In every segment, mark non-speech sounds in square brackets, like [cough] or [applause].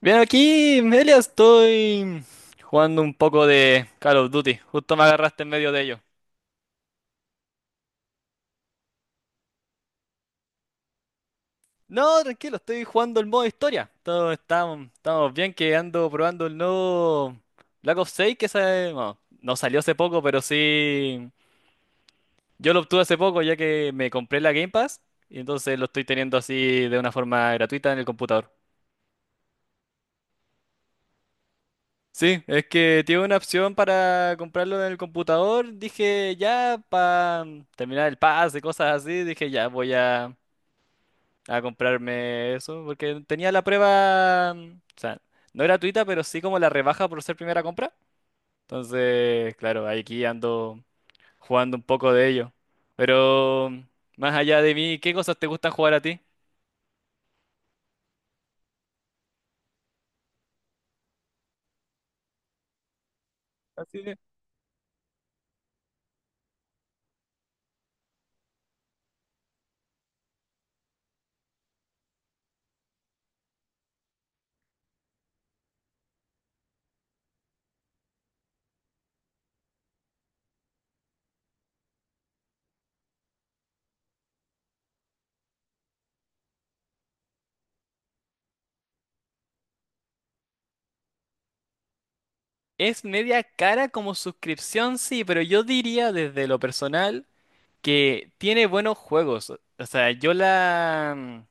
Bien, aquí, Melia, estoy jugando un poco de Call of Duty. Justo me agarraste en medio de ello. No, tranquilo, estoy jugando el modo historia. Todo estamos bien que ando probando el nuevo Black Ops 6 que bueno, no salió hace poco, pero sí. Yo lo obtuve hace poco ya que me compré la Game Pass y entonces lo estoy teniendo así de una forma gratuita en el computador. Sí, es que tiene una opción para comprarlo en el computador. Dije, ya, para terminar el pase, cosas así, dije, ya, voy a comprarme eso, porque tenía la prueba, o sea, no gratuita, pero sí como la rebaja por ser primera compra. Entonces, claro, aquí ando jugando un poco de ello. Pero más allá de mí, ¿qué cosas te gustan jugar a ti? Así de- Es media cara como suscripción, sí, pero yo diría desde lo personal, que tiene buenos juegos. O sea,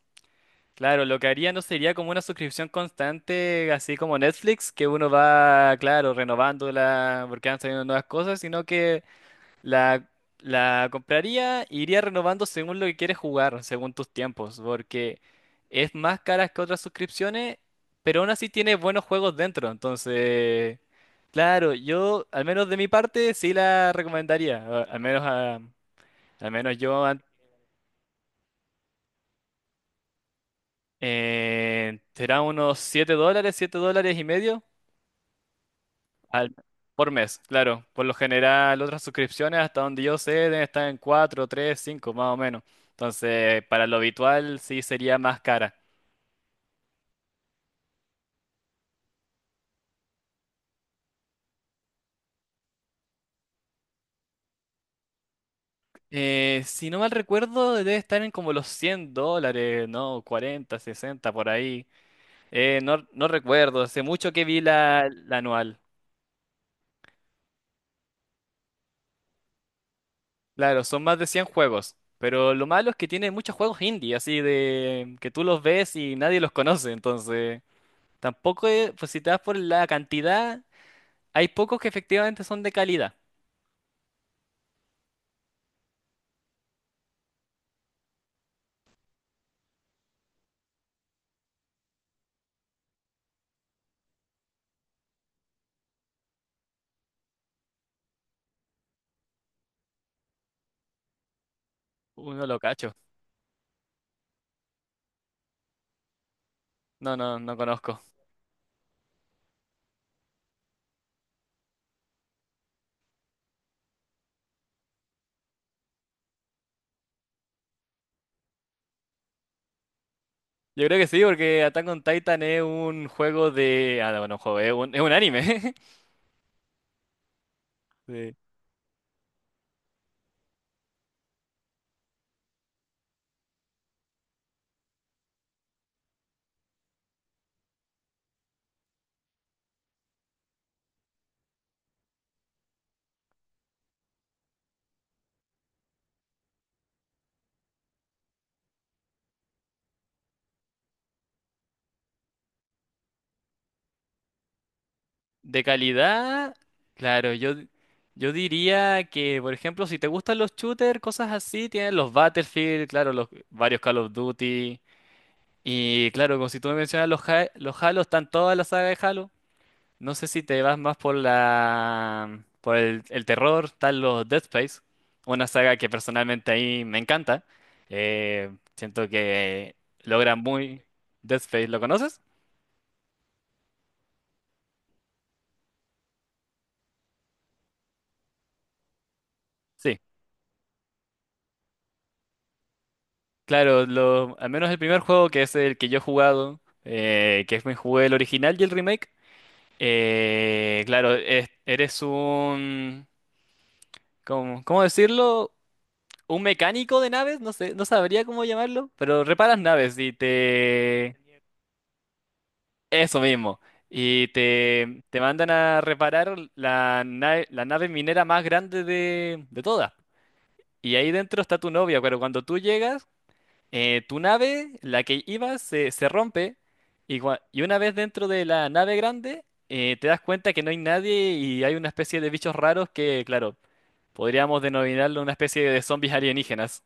claro, lo que haría no sería como una suscripción constante, así como Netflix, que uno va, claro, renovándola porque van saliendo nuevas cosas, sino que la, la compraría e iría renovando según lo que quieres jugar, según tus tiempos, porque es más cara que otras suscripciones, pero aún así tiene buenos juegos dentro. Entonces, claro, yo, al menos de mi parte, sí la recomendaría, al menos a... Al menos yo. Será unos $7, $7.50 al- por mes, claro. Por lo general, otras suscripciones, hasta donde yo sé, deben estar en 4, 3, 5 más o menos. Entonces, para lo habitual, sí sería más cara. Si no mal recuerdo, debe estar en como los $100, ¿no? 40, 60 por ahí. No, no recuerdo, hace mucho que vi la, la anual. Claro, son más de 100 juegos, pero lo malo es que tiene muchos juegos indie, así de que tú los ves y nadie los conoce, entonces tampoco, pues si te das por la cantidad, hay pocos que efectivamente son de calidad. Uno lo cacho. No, no, no conozco. Yo creo que sí, porque Attack on Titan es un juego de... Ah, no, no, juego, es un anime. [laughs] De, de calidad, claro, yo diría que, por ejemplo, si te gustan los shooters, cosas así, tienes los Battlefield, claro, los varios Call of Duty. Y claro, como si tú me mencionas los Halo, están toda la saga de Halo. No sé si te vas más por la por el terror, están los Dead Space, una saga que personalmente ahí me encanta. Eh, Siento que logra muy. Dead Space, ¿lo conoces? Sí. Claro, lo, al menos el primer juego que es el que yo he jugado, que es me jugué el original y el remake. Claro, eres un ¿cómo decirlo? Un mecánico de naves, no sé, no sabría cómo llamarlo, pero reparas naves y te... Eso mismo. Y te mandan a reparar la nave minera más grande de todas. Y ahí dentro está tu novia, pero cuando tú llegas, tu nave, la que ibas, se rompe. Y una vez dentro de la nave grande, te das cuenta que no hay nadie y hay una especie de bichos raros que, claro, podríamos denominarlo una especie de zombies alienígenas.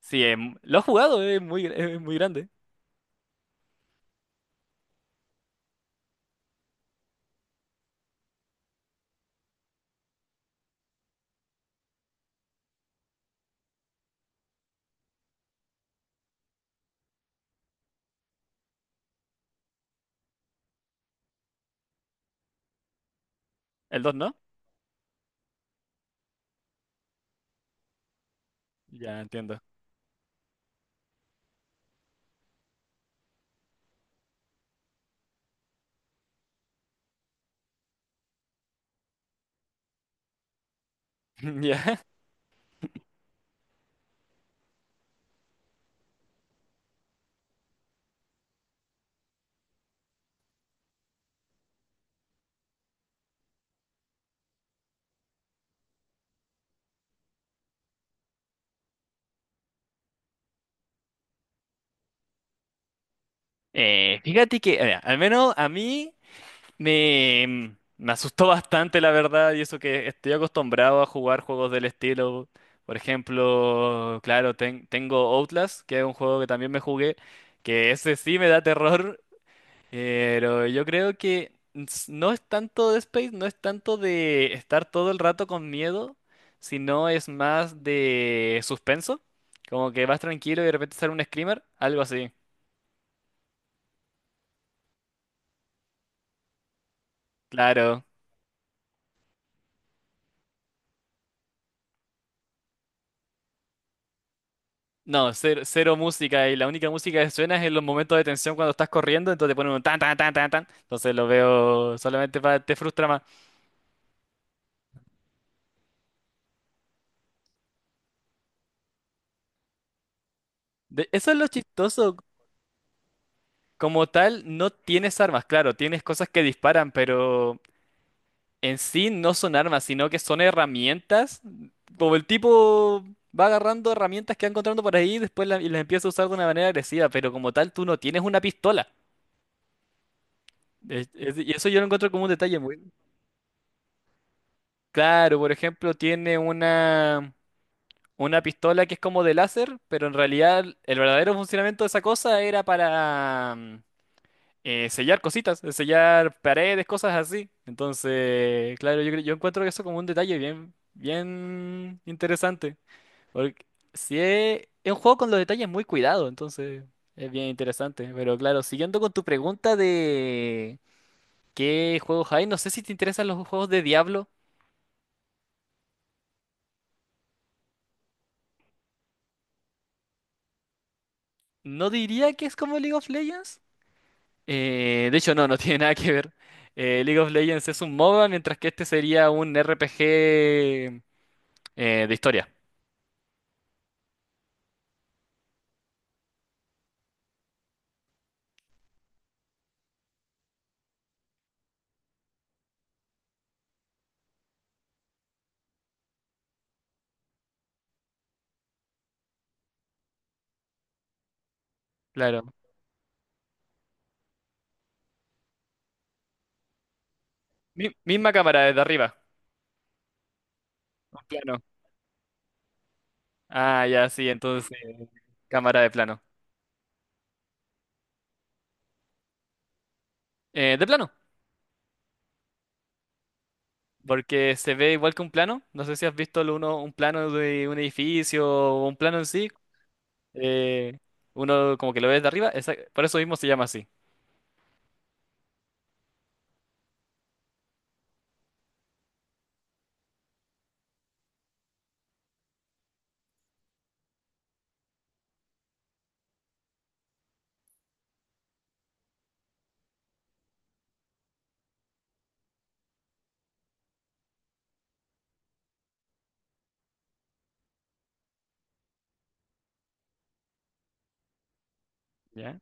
Sí, lo he jugado, es muy grande. ¿El dos, no? Ya entiendo. [laughs] Ya. Fíjate que, al menos a mí me, mm, me asustó bastante, la verdad, y eso que estoy acostumbrado a jugar juegos del estilo. Por ejemplo, claro, tengo Outlast, que es un juego que también me jugué, que ese sí me da terror. Pero yo creo que no es tanto de Space, no es tanto de estar todo el rato con miedo, sino es más de suspenso. Como que vas tranquilo y de repente sale un screamer, algo así. Claro. No, cero, cero música, y la única música que suena es en los momentos de tensión cuando estás corriendo, entonces te ponen un tan tan tan tan tan. Entonces lo veo solamente para te frustra más. Eso es lo chistoso. Como tal, no tienes armas, claro, tienes cosas que disparan, pero en sí no son armas, sino que son herramientas. Como el tipo va agarrando herramientas que va encontrando por ahí y después y las empieza a usar de una manera agresiva, pero como tal tú no tienes una pistola. Y eso yo lo encuentro como un detalle muy... Claro, por ejemplo, tiene una pistola que es como de láser, pero en realidad el verdadero funcionamiento de esa cosa era para sellar cositas, sellar paredes, cosas así. Entonces, claro, yo, yo encuentro eso como un detalle bien, bien interesante. Porque sí es un juego con los detalles muy cuidados, entonces es bien interesante. Pero claro, siguiendo con tu pregunta de qué juegos hay, no sé si te interesan los juegos de Diablo. No diría que es como League of Legends. De hecho, no, no [laughs] tiene nada que ver. League of Legends es un MOBA, mientras que este sería un RPG de historia. Claro. Misma cámara desde arriba, un plano. Ah, ya, sí, entonces cámara de plano. De plano. Porque se ve igual que un plano. No sé si has visto un plano de un edificio o un plano en sí. eh, uno como que lo ves de arriba. Por eso mismo se llama así. ¿Ya?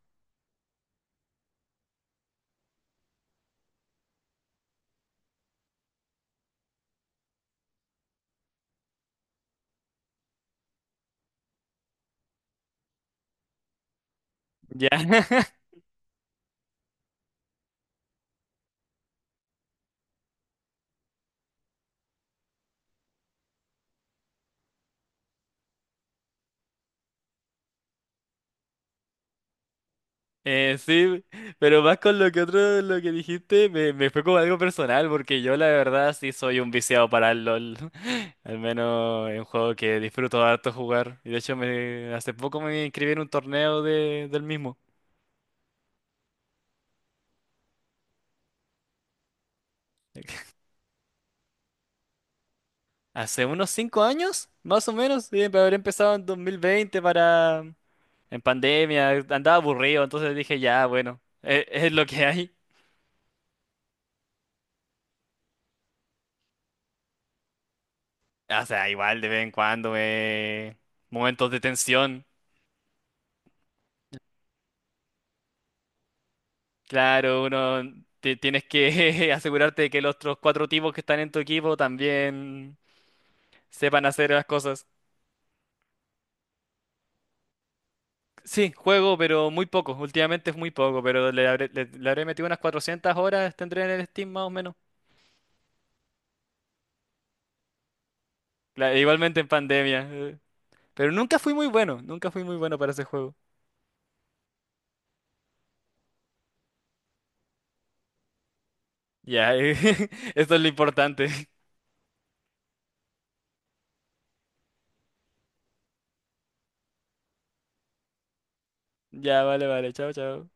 Ya. [laughs] Sí, pero más con lo que otro, lo que dijiste, me fue como algo personal, porque yo la verdad sí soy un viciado para el LOL. [laughs] Al menos es un juego que disfruto harto jugar. Y de hecho hace poco me inscribí en un torneo de, del mismo. Hace unos 5 años, más o menos, sí, pero habré empezado en 2020 para... En pandemia, andaba aburrido, entonces dije, ya, bueno, es, lo que hay. O sea, igual de vez en cuando, momentos de tensión. Claro, uno tienes que [laughs] asegurarte de que los otros cuatro tipos que están en tu equipo también sepan hacer las cosas. Sí, juego, pero muy poco. Últimamente es muy poco, pero le habré metido unas 400 horas, tendré en el Steam más o menos. Igualmente en pandemia. Pero nunca fui muy bueno, nunca fui muy bueno para ese juego. Ya, [laughs] esto es lo importante. [laughs] Ya, vale, vale, chao, chao.